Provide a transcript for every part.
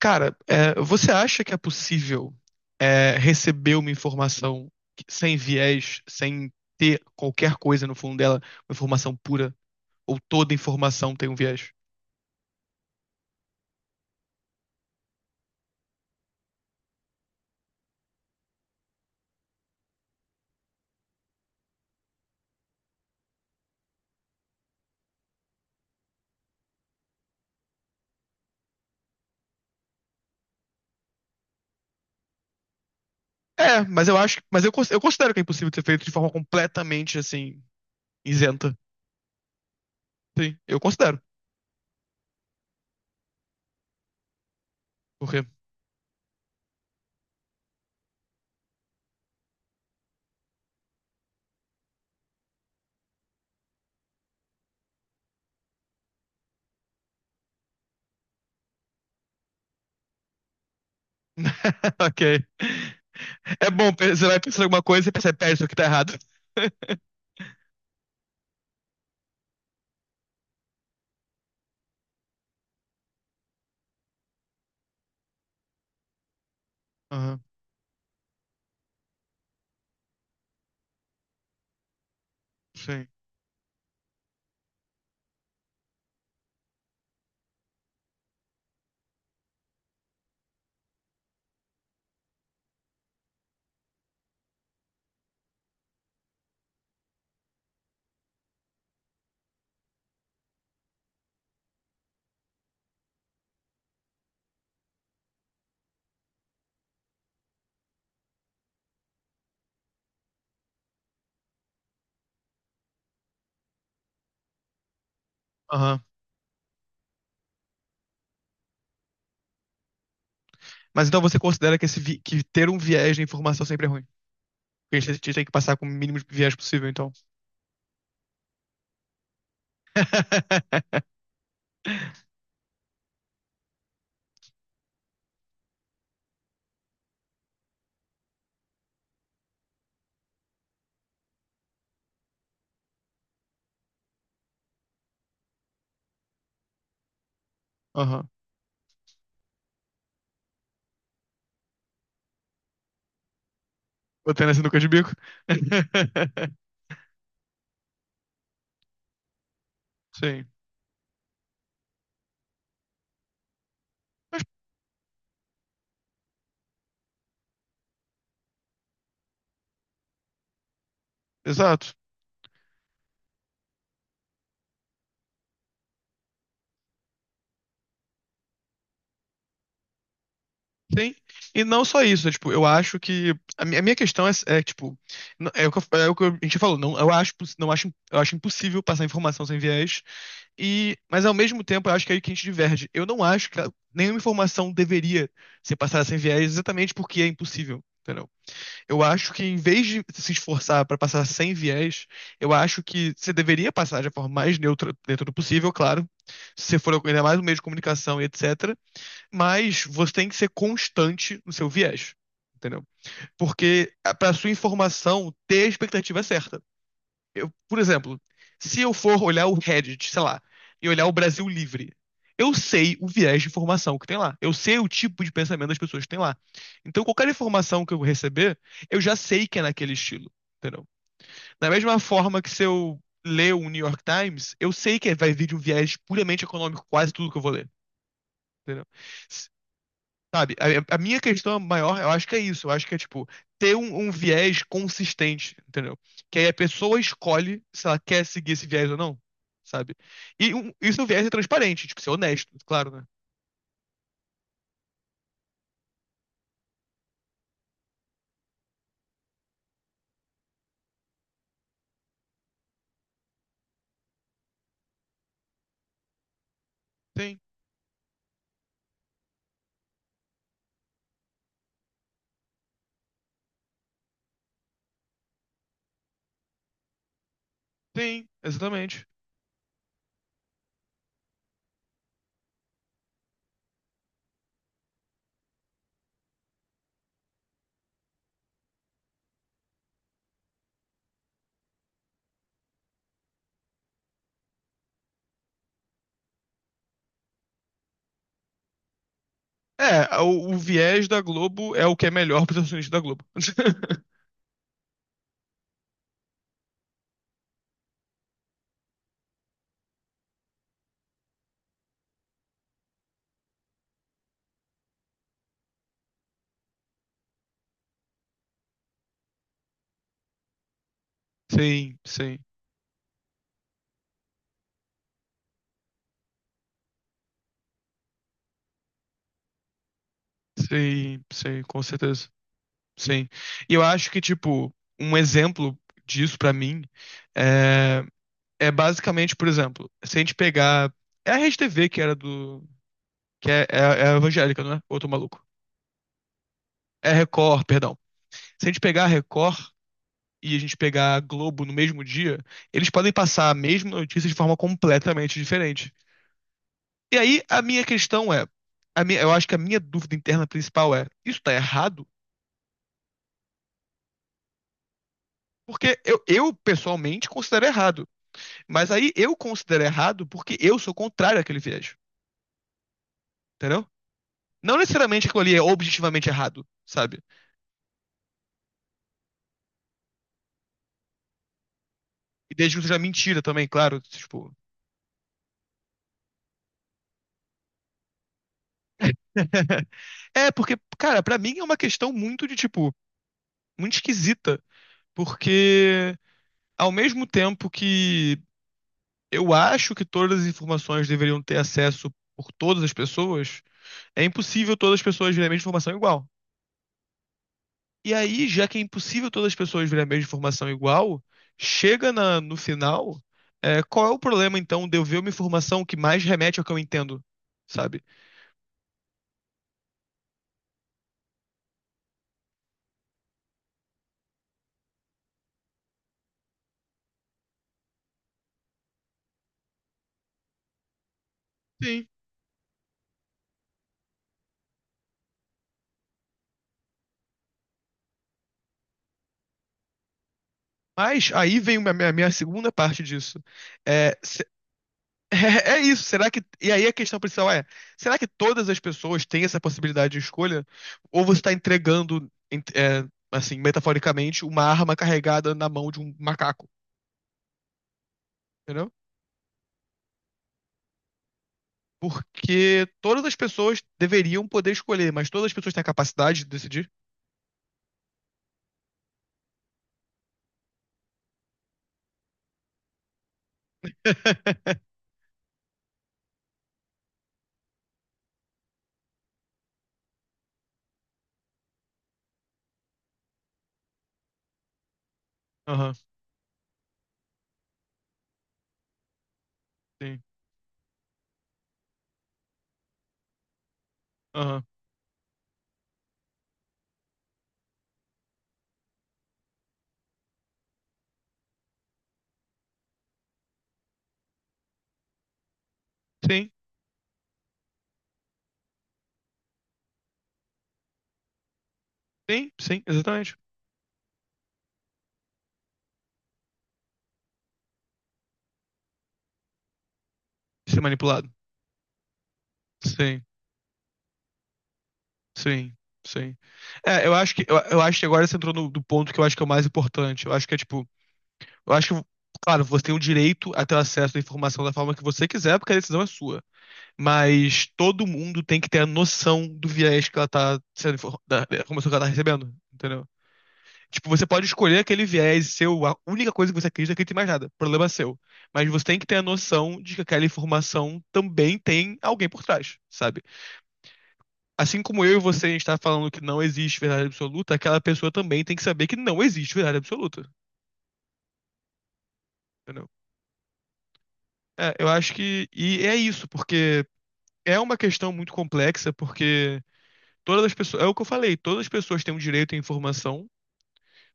Cara, você acha que é possível receber uma informação sem viés, sem ter qualquer coisa no fundo dela, uma informação pura, ou toda informação tem um viés? É, mas eu acho, eu considero que é impossível de ser feito de forma completamente assim, isenta. Sim, eu considero. Por quê? Ok. É bom, você vai pensando em alguma coisa e percebe, pera, isso aqui tá errado. Aham, sim. Aham. Mas então você considera que, que ter um viés de informação sempre é ruim? Porque a gente que passar com o mínimo de viés possível, então. Aham. Botando assim no canto de bico. Sim, exato. Sim. E não só isso, né? Tipo, eu acho que. A minha questão é, é, tipo, é o que, é o que a gente falou, não, não acho, eu acho impossível passar informação sem viés. E, mas ao mesmo tempo, eu acho que é aí que a gente diverge. Eu não acho que nenhuma informação deveria ser passada sem viés, exatamente porque é impossível. Entendeu? Eu acho que, em vez de se esforçar para passar sem viés, eu acho que você deveria passar de forma mais neutra dentro do possível, claro. Se você for ainda mais um meio de comunicação e etc. Mas você tem que ser constante no seu viés, entendeu? Porque, para sua informação ter a expectativa é certa. Eu, por exemplo, se eu for olhar o Reddit, sei lá, e olhar o Brasil Livre, eu sei o viés de informação que tem lá. Eu sei o tipo de pensamento das pessoas que tem lá. Então, qualquer informação que eu receber, eu já sei que é naquele estilo, entendeu? Da mesma forma que, se eu ler o New York Times, eu sei que vai vir de um viés puramente econômico, quase tudo que eu vou ler. Entendeu? Sabe, a minha questão maior, eu acho que é isso. Eu acho que é, tipo, ter um viés consistente, entendeu? Que aí a pessoa escolhe se ela quer seguir esse viés ou não, sabe? E um, isso é um viés é transparente, tipo, ser honesto, claro, né? Sim, sim, exatamente. É, o viés da Globo é o que é melhor para os acionistas da Globo. Sim, sim, sim, sim, com certeza. Sim. E eu acho que, tipo, um exemplo disso pra mim é é basicamente, por exemplo, se a gente pegar. É a Rede TV que era do. Que é, é, é a evangélica, não é? Outro maluco. É a Record, perdão. Se a gente pegar a Record e a gente pegar a Globo no mesmo dia, eles podem passar a mesma notícia de forma completamente diferente. E aí, a minha questão é. A minha, eu acho que a minha dúvida interna principal é: isso tá errado? Porque eu pessoalmente considero errado. Mas aí eu considero errado porque eu sou contrário àquele viés. Entendeu? Não necessariamente aquilo ali é objetivamente errado, sabe? E desde que não seja mentira também, claro. Tipo. É, porque, cara, pra mim é uma questão muito de, tipo, muito esquisita. Porque, ao mesmo tempo que eu acho que todas as informações deveriam ter acesso por todas as pessoas, é impossível todas as pessoas verem a mesma informação igual. E aí, já que é impossível todas as pessoas verem a mesma informação igual, chega no final, é, qual é o problema, então, de eu ver uma informação que mais remete ao que eu entendo, sabe? Mas aí vem a minha segunda parte disso. É, é isso, será que. E aí a questão principal é: será que todas as pessoas têm essa possibilidade de escolha? Ou você está entregando, assim, metaforicamente, uma arma carregada na mão de um macaco? Entendeu? Porque todas as pessoas deveriam poder escolher, mas todas as pessoas têm a capacidade de decidir? Aham, sim. Aham. Sim, sim, sim, exatamente. Ser manipulado. Sim. Sim, sim. É, eu acho que eu acho que agora você entrou no do ponto que eu acho que é o mais importante. Eu acho que é tipo, eu acho que, claro, você tem o direito a ter acesso à informação da forma que você quiser, porque a decisão é sua. Mas todo mundo tem que ter a noção do viés que ela tá da da informação que ela tá recebendo, entendeu? Tipo, você pode escolher aquele viés seu, a única coisa que você acredita é que não tem mais nada, problema seu. Mas você tem que ter a noção de que aquela informação também tem alguém por trás, sabe? Assim como eu e você, a gente tá falando que não existe verdade absoluta, aquela pessoa também tem que saber que não existe verdade absoluta, entendeu? É, eu acho que. E é isso, porque é uma questão muito complexa, porque todas as pessoas. É o que eu falei, todas as pessoas têm o direito à informação,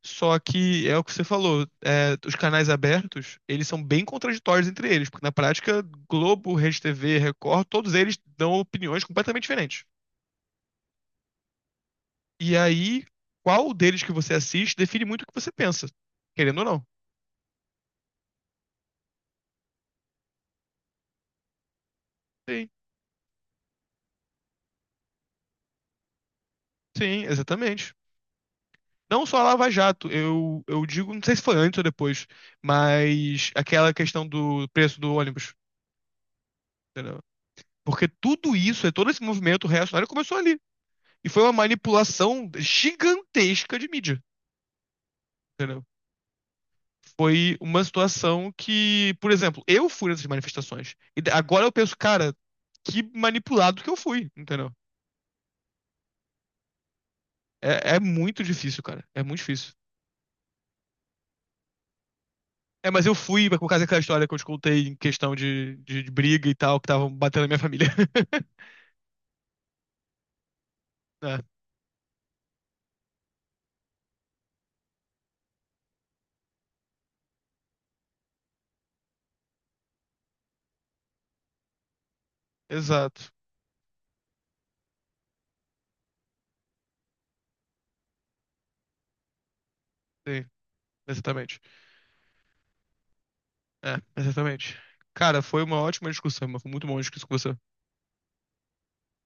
só que é o que você falou, é, os canais abertos, eles são bem contraditórios entre eles, porque, na prática, Globo, RedeTV, Record, todos eles dão opiniões completamente diferentes. E aí, qual deles que você assiste define muito o que você pensa, querendo ou não. Sim. Sim, exatamente. Não só a Lava Jato, eu digo, não sei se foi antes ou depois, mas aquela questão do preço do ônibus, entendeu? Porque tudo isso, é todo esse movimento reacionário começou ali. E foi uma manipulação gigantesca de mídia, entendeu? Foi uma situação que, por exemplo, eu fui nessas manifestações. E agora eu penso, cara, que manipulado que eu fui, entendeu? É, é muito difícil, cara. É muito difícil. É, mas eu fui por causa daquela história que eu te contei em questão de briga e tal, que estavam batendo na minha família. É, exato. Sim, exatamente. É, exatamente. Cara, foi uma ótima discussão, mas foi muito bom discutir isso com você.